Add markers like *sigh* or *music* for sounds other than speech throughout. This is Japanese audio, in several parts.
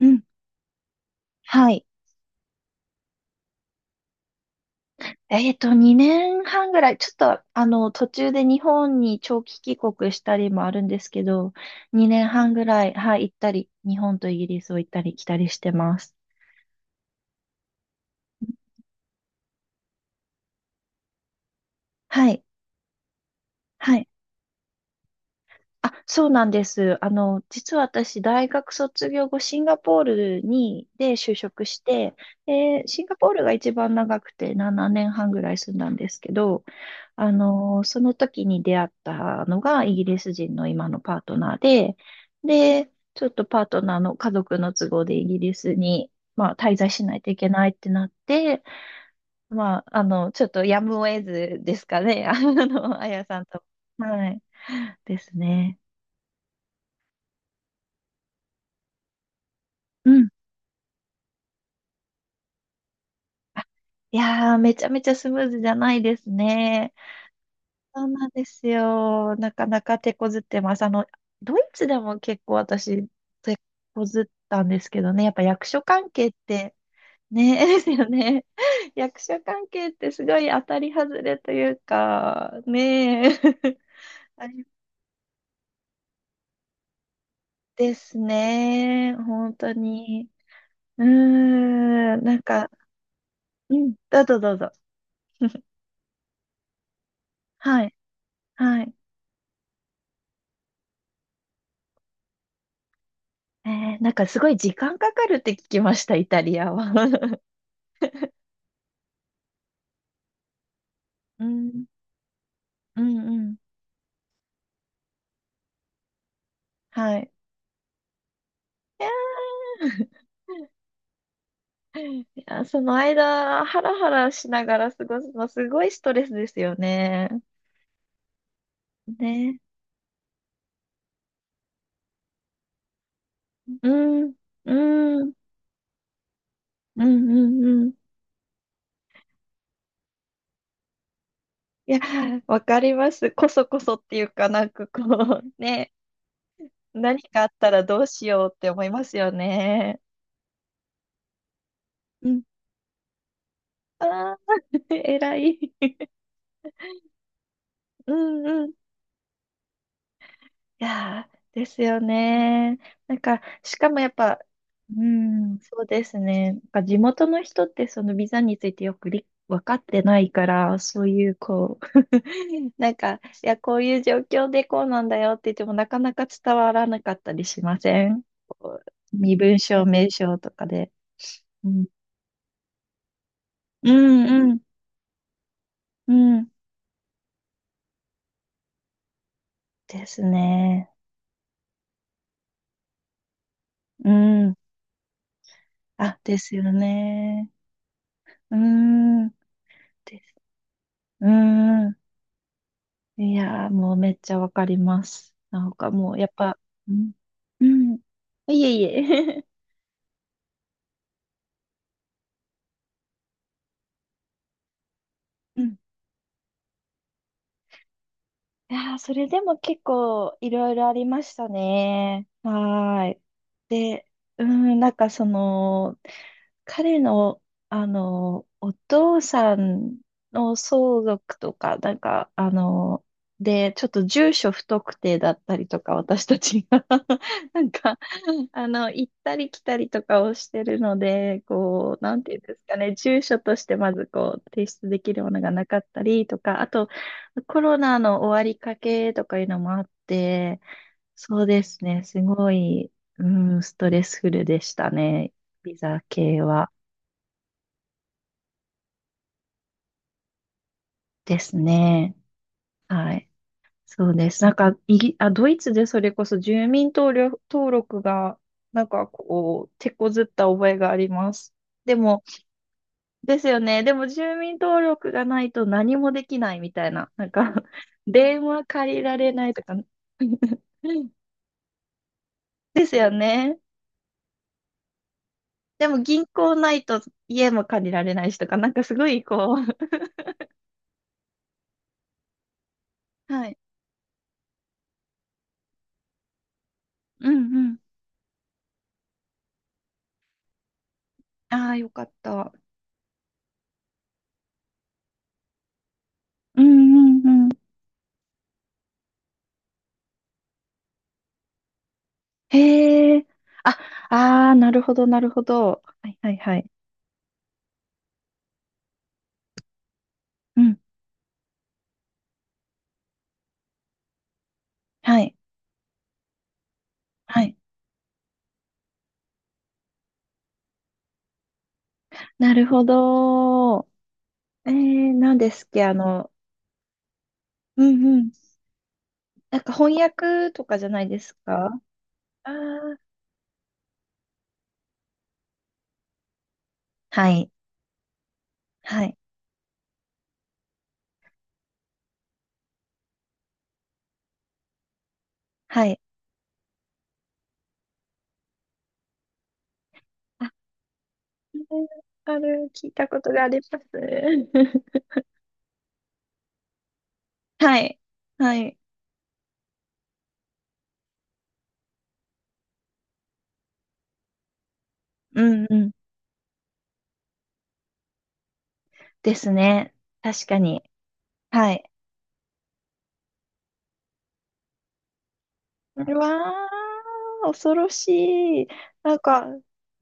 うん。はい。2年半ぐらい、ちょっと、途中で日本に長期帰国したりもあるんですけど、2年半ぐらい、はい、行ったり、日本とイギリスを行ったり来たりしてます。はい。はい。あ、そうなんです。実は私、大学卒業後、シンガポールに、で就職して、で、シンガポールが一番長くて7年半ぐらい住んだんですけど、その時に出会ったのがイギリス人の今のパートナーで、で、ちょっとパートナーの家族の都合でイギリスに、まあ、滞在しないといけないってなって、まあ、ちょっとやむを得ずですかね、*laughs* あやさんと。はい。ですね。うん。あいやー、めちゃめちゃスムーズじゃないですね。そうなんですよ。なかなか手こずってます。ドイツでも結構私、手こずったんですけどね。やっぱ役所関係って、ね、*laughs* ですよね。役所関係ってすごい当たり外れというか、ねえ。*laughs* あれですね。本当に。うーん、なんか、うん、どうぞどうぞ。はい、はい。なんかすごい時間かかるって聞きました、イタリアは。*laughs* うん、うん、うん。はい。いやー、*laughs* いや、その間、ハラハラしながら過ごすの、すごいストレスですよね。ね。うん、うん、うん、うん、うん。いや、わかります。こそこそっていうかなんかこう、*laughs* ね、何かあったらどうしようって思いますよね。うん。ああ、*laughs* 偉い。*laughs* うん、うん、いやー、ですよね。なんか、しかもやっぱ、うん、そうですね。なんか地元の人ってそのビザについてよくり分かってないから、そういうこう、*laughs* なんか、いや、こういう状況でこうなんだよって言ってもなかなか伝わらなかったりしませんこう身分証明証とかで。うん、うん、うん、うん。ですね。うん。あ、ですよね。うん。です。うん。いやー、もうめっちゃわかります。なんかもう、やっぱ、うん、うん、*laughs* いえいえ。*laughs* うん。いやー、それでも結構いろいろありましたね。はーい。で、うん、なんかその、彼の、お父さんの相続とか、なんか、で、ちょっと住所不特定だったりとか、私たち *laughs* なんか、行ったり来たりとかをしてるので、こう、なんていうんですかね、住所としてまずこう、提出できるものがなかったりとか、あと、コロナの終わりかけとかいうのもあって、そうですね、すごい、うん、ストレスフルでしたね、ビザ系は。ですね。はい。そうです。なんか、あ、ドイツでそれこそ住民登録が、なんかこう、手こずった覚えがあります。でも、ですよね。でも住民登録がないと何もできないみたいな。なんか *laughs* 電話借りられないとか *laughs* ですよね。でも銀行ないと家も借りられないしとか、なんかすごいこう *laughs* はい。うんうん。ああ、よかった。うんうんうん。へえ。あ、ああ、なるほど、なるほど。はいはいはい。うん。はい。はい。なるほど。なんですっけ、うんうん。なんか翻訳とかじゃないですか？ああー、はい、はい、はい。あ、聞いたことがあります。*laughs* はい、はい、うんうん。ですね。確かに。はい。うわー、恐ろしい。なんか、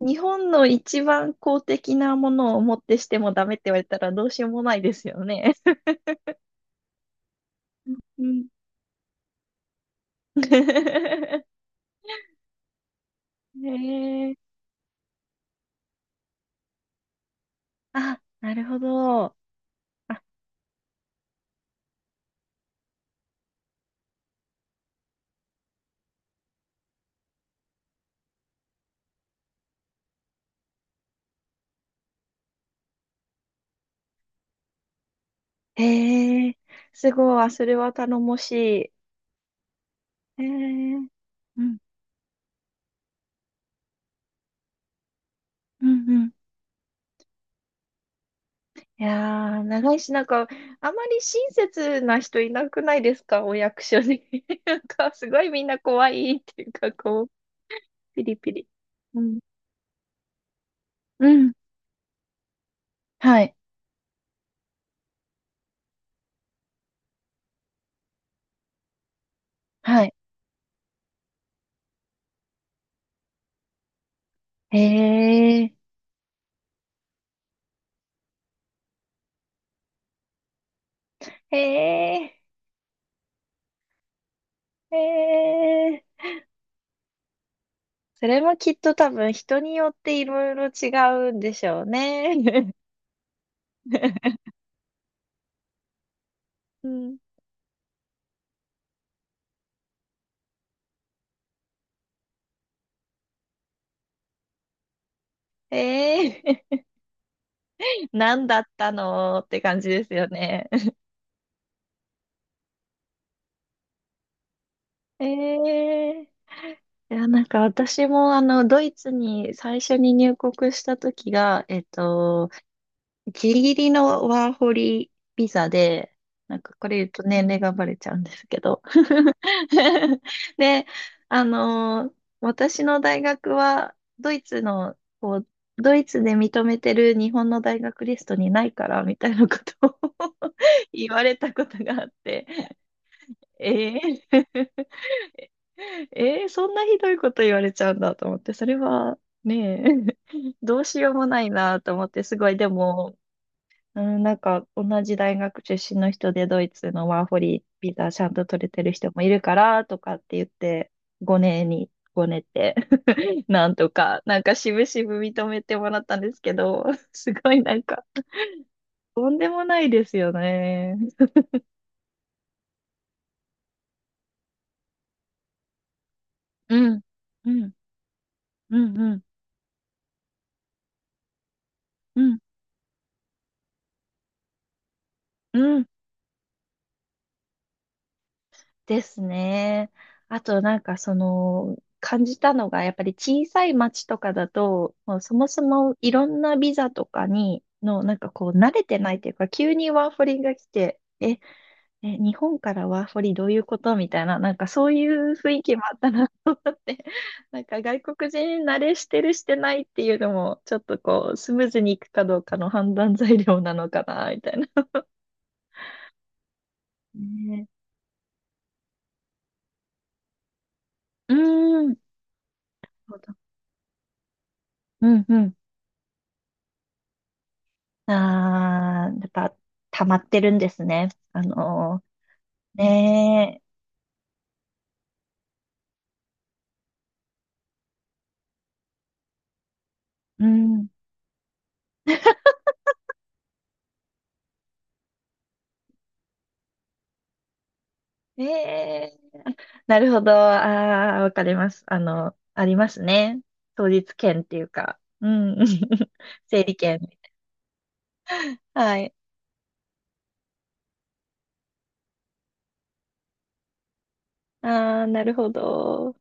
日本の一番公的なものをもってしてもダメって言われたらどうしようもないですよね。うん。*laughs* へえ。あ、なるほど。あへえ、すごい、あそれは頼もしい。へえ、うん、うん、うん。いやー、長いし、なんか、あまり親切な人いなくないですか、お役所に。*laughs* なんか、すごいみんな怖いっていうか、こう、ピリピリ。うん、うん、はい、はい。へえ、へえ、へえ。それもきっと多分人によっていろいろ違うんでしょうね。*laughs* うん、へえ。何だったのって感じですよね。*laughs* ええいや、なんか私もドイツに最初に入国した時が、ギリギリのワーホリビザで、なんかこれ言うと年齢がバレちゃうんですけど。*laughs* で、あの、私の大学はドイツの、こう、ドイツで認めてる日本の大学リストにないから、みたいなことを *laughs* 言われたことがあって。ええ *laughs* ええそんなひどいこと言われちゃうんだと思って、それはねえ、*laughs* どうしようもないなと思って、すごい、でも、うん、なんか同じ大学出身の人でドイツのワーホリビザちゃんと取れてる人もいるからとかって言って、5年に、5年って、*laughs* なんとか、なんか渋々認めてもらったんですけど、すごいなんか、とんでもないですよね。うん、うん、うん、うん、うん、うん。ですね。あとなんかその感じたのがやっぱり小さい町とかだともうそもそもいろんなビザとかにのなんかこう慣れてないというか急にワーホリが来てえ、え、日本からワーホリどういうことみたいななんかそういう雰囲気もあったなって *laughs* なんか外国人慣れしてるしてないっていうのもちょっとこうスムーズにいくかどうかの判断材料なのかなみたいな。ねうーん。なるほどうんうんああ、やっぱ、溜まってるんですね。ねえ、うん。ええ、なるほど。ああ、わかります。ありますね。当日券っていうか、うん。*laughs* 整理券。はい。ああ、なるほど。